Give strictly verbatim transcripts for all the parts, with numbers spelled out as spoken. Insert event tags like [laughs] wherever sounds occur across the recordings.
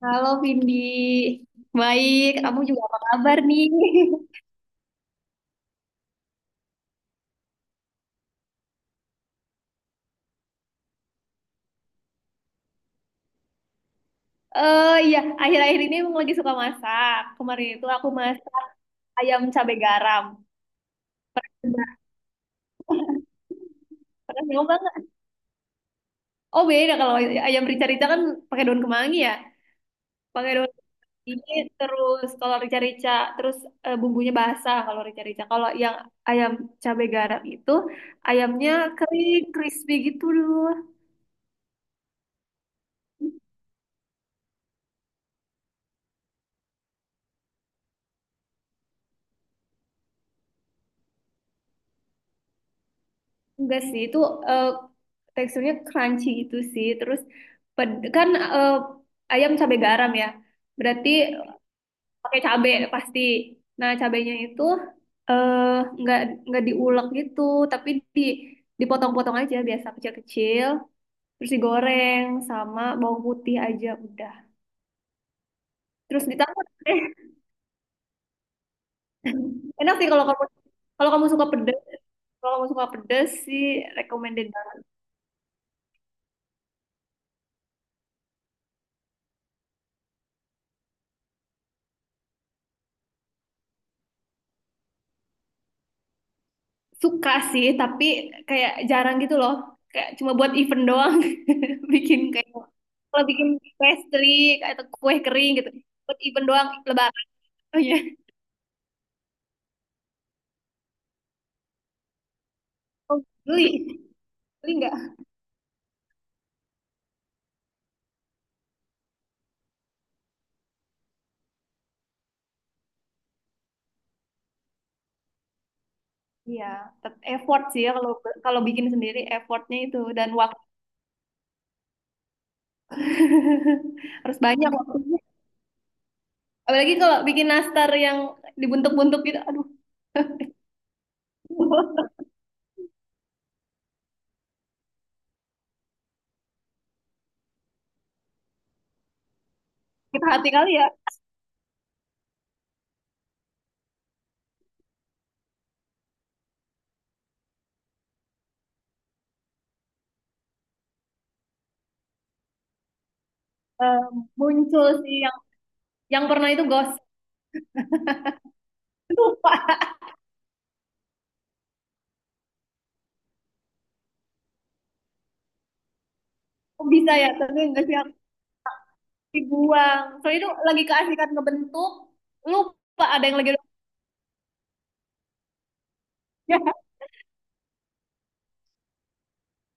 Halo Vindi, baik. Kamu juga apa kabar nih? [laughs] Eh iya, akhir-akhir ini emang lagi suka masak. Kemarin itu aku masak ayam cabai garam. Nah, Pernah nyoba nggak? Oh beda kalau ayam rica-rica kan pakai daun kemangi ya. Pakai daun kemangi terus kalau rica-rica terus eh, bumbunya basah kalau rica-rica. Kalau yang ayam cabai garam itu ayamnya kering, crispy gitu loh. Enggak sih, itu eh, teksturnya crunchy gitu sih. Terus ped- kan eh, ayam cabai garam ya. Berarti pakai cabai pasti. Nah, cabainya itu eh enggak enggak diulek gitu, tapi di dipotong-potong aja biasa kecil-kecil, terus digoreng sama bawang putih aja udah. Terus ditambah deh. [laughs] Enak sih kalau kamu kalau kamu suka pedes, kalau kamu suka pedes sih recommended banget. Suka sih, tapi kayak jarang gitu loh. Kayak cuma buat event doang. [laughs] Bikin kayak kalau bikin pastry atau kue kering gitu. Buat event doang lebaran. Oh iya. Oh, beli. Beli nggak? Iya, tet- effort sih ya kalau kalau bikin sendiri effortnya itu dan waktu [laughs] harus banyak waktunya. Apalagi kalau bikin nastar yang dibentuk-bentuk gitu, aduh, [laughs] kita hati kali ya. Eh, muncul sih yang yang pernah itu gosip lupa [laughs] Kok bisa ya tapi nggak sih dibuang. Soalnya itu lagi keasikan ngebentuk, lupa ada yang lagi [laughs]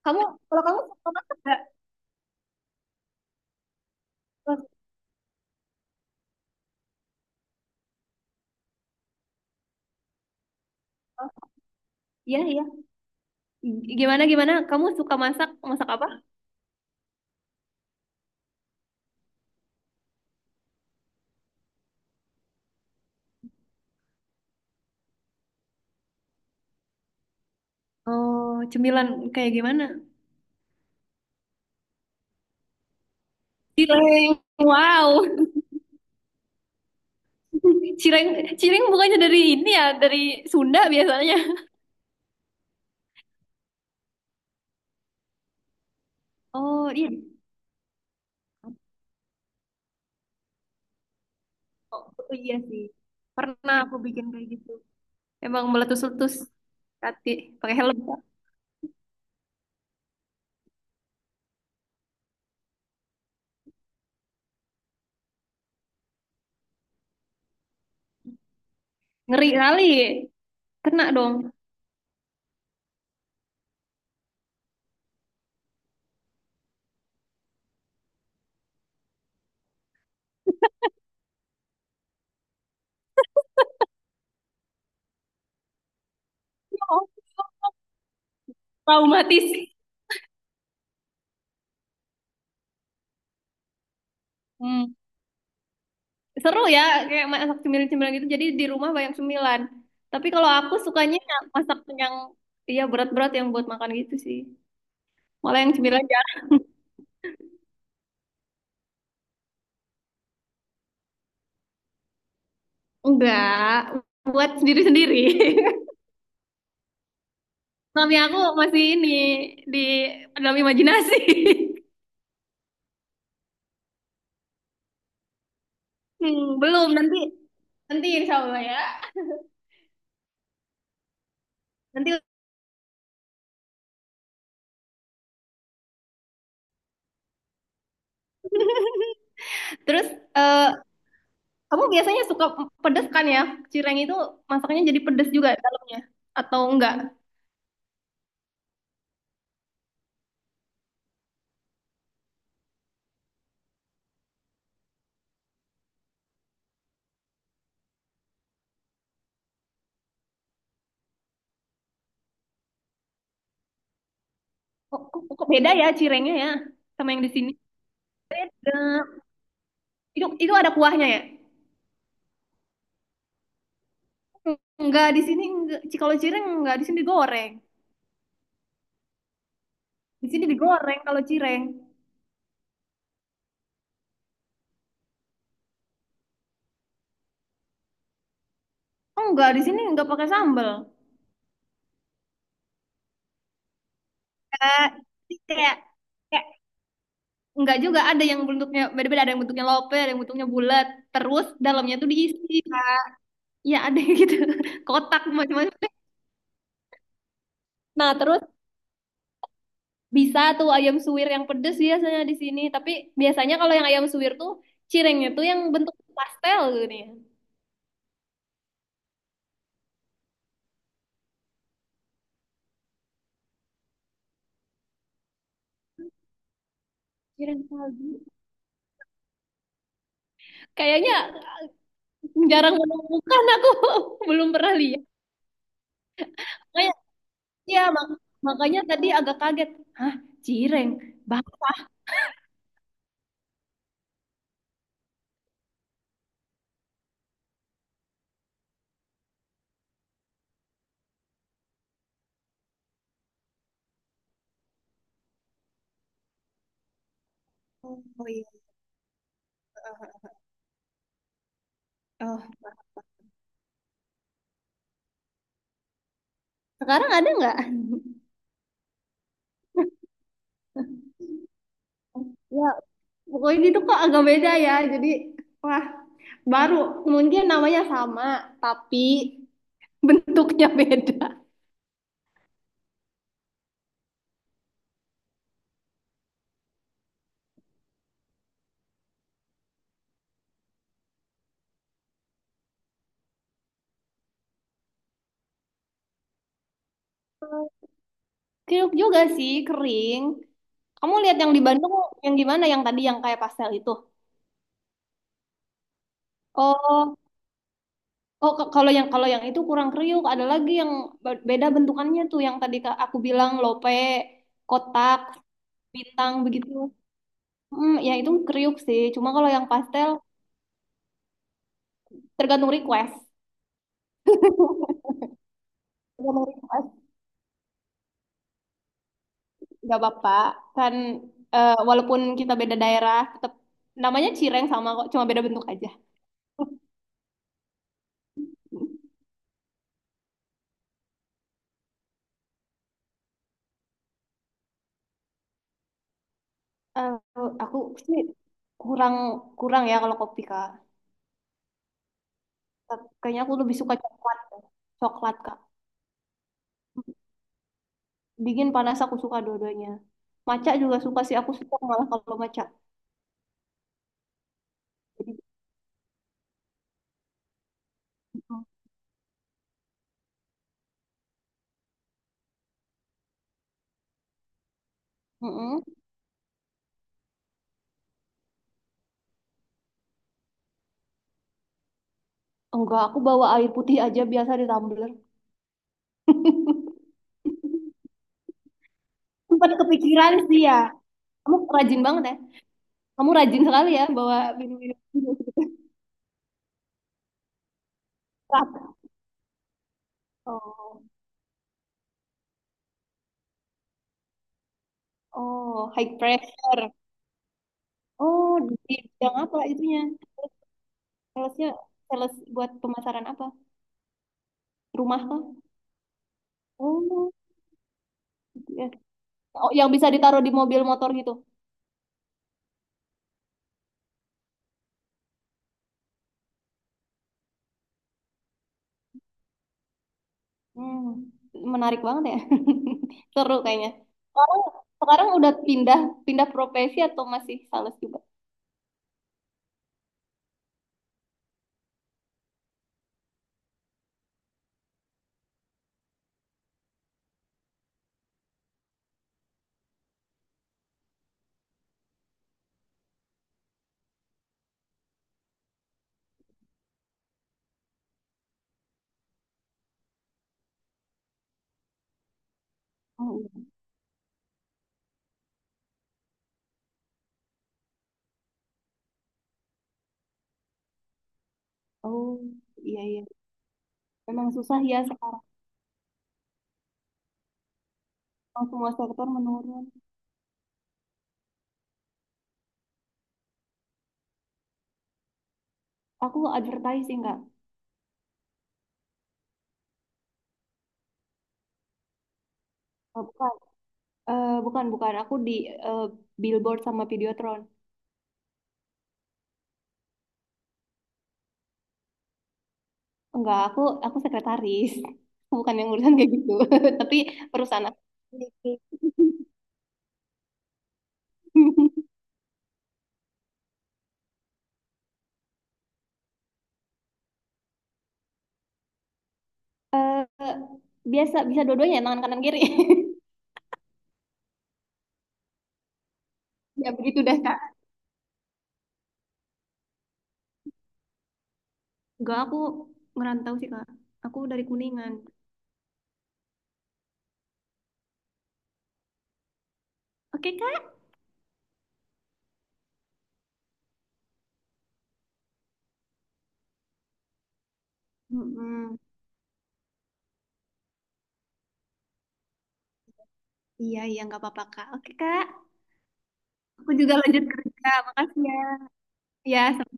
Kamu, kalau kamu suka masak nggak? Oh, oh. Iya, iya. G- Gimana, gimana? Kamu suka masak, masak apa? Oh, cemilan kayak gimana? Cireng, wow. [laughs] Cireng, cireng bukannya dari ini ya, dari Sunda biasanya. Oh, iya. Oh, iya sih. Pernah aku bikin kayak gitu. Emang meletus-letus. Tati, pakai helm. Ngeri kali. Kena dong. Traumatis. Hmm. Seru ya, kayak masak cemilan-cemilan gitu. Jadi di rumah banyak cemilan. Tapi kalau aku sukanya yang masak yang iya berat-berat yang buat makan gitu sih. Malah yang cemilan jarang. Enggak, buat sendiri-sendiri. [laughs] Suami aku masih ini di dalam imajinasi. [laughs] Hmm, belum nanti nanti insya Allah ya. Nanti [laughs] terus eh, kamu biasanya suka pedes kan ya? Cireng itu masaknya jadi pedes juga dalamnya atau enggak? Kok, kok, kok beda ya cirengnya ya sama yang di sini? Nah, Itu itu ada kuahnya ya? Enggak di sini enggak. Ci- Kalau cireng enggak di sini digoreng. Di sini digoreng kalau cireng. Oh enggak di sini enggak pakai sambal. Kayak kayak kayak enggak juga ada yang bentuknya beda-beda, ada yang bentuknya lope, ada yang bentuknya bulat. Terus dalamnya tuh diisi. Ya ada yang gitu. [laughs] Kotak macam-macam. Nah, terus Bisa tuh ayam suwir yang pedes biasanya di sini. Tapi biasanya kalau yang ayam suwir tuh cirengnya tuh yang bentuk pastel gitu nih. Cireng salju. Kayaknya jarang menemukan aku. [laughs] Belum pernah lihat. Makanya, ya mak- makanya tadi agak kaget. Hah, cireng? Bah, Oh iya. Oh. Sekarang ada nggak? [laughs] Ya, pokoknya itu kok agak beda ya. Jadi, wah, baru mungkin namanya sama, tapi bentuknya [laughs] beda. Kriuk juga sih, kering. Kamu lihat yang di Bandung yang gimana yang tadi yang kayak pastel itu? Oh, oh ke- kalau yang kalau yang itu kurang kriuk, ada lagi yang be- beda bentukannya tuh yang tadi ka- aku bilang lope, kotak, bintang begitu. Hmm, ya itu kriuk sih. Cuma kalau yang pastel tergantung request. [laughs] Tergantung request, nggak apa-apa. Kan eh, walaupun kita beda daerah, tetap namanya cireng sama kok, cuma beda bentuk aja. [laughs] Eh, aku sih kurang kurang ya kalau kopi kak. Tapi kayaknya aku lebih suka coklat, Kak. Coklat kak. Bikin panas aku suka dua-duanya. Maca juga suka sih, aku suka malah kalau maca. Jadi mm-mm. Enggak, aku bawa air putih aja biasa di tumbler. Sempat kepikiran sih ya. Kamu rajin banget ya. Kamu rajin sekali ya bawa minum-minum keras. Oh, oh, high pressure. Oh, di bidang apa itunya? Salesnya, sales buat pemasaran apa? Rumah kah? Oh, G P S. Oh, yang bisa ditaruh di mobil motor gitu. Hmm, menarik banget ya. [laughs] Seru kayaknya. Sekarang, sekarang udah pindah pindah profesi atau masih sales juga? Oh, iya. Oh, iya iya. Memang susah ya sekarang. Memang semua sektor menurun. Aku advertising nggak Oh, bukan. Eh, bukan bukan. Aku di eh, billboard sama Videotron. Enggak, aku aku sekretaris. [laughs] Bukan yang urusan kayak gitu. [laughs] Tapi perusahaan aku. [laughs] Eh, biasa bisa dua-duanya tangan kanan kiri. [laughs] Ya begitu deh Kak. Enggak, aku ngerantau sih Kak. Aku dari Kuningan. Oke Kak. Mm-mm. Iya iya nggak apa-apa Kak. Oke Kak, aku juga lanjut kerja. Makasih ya. Ya.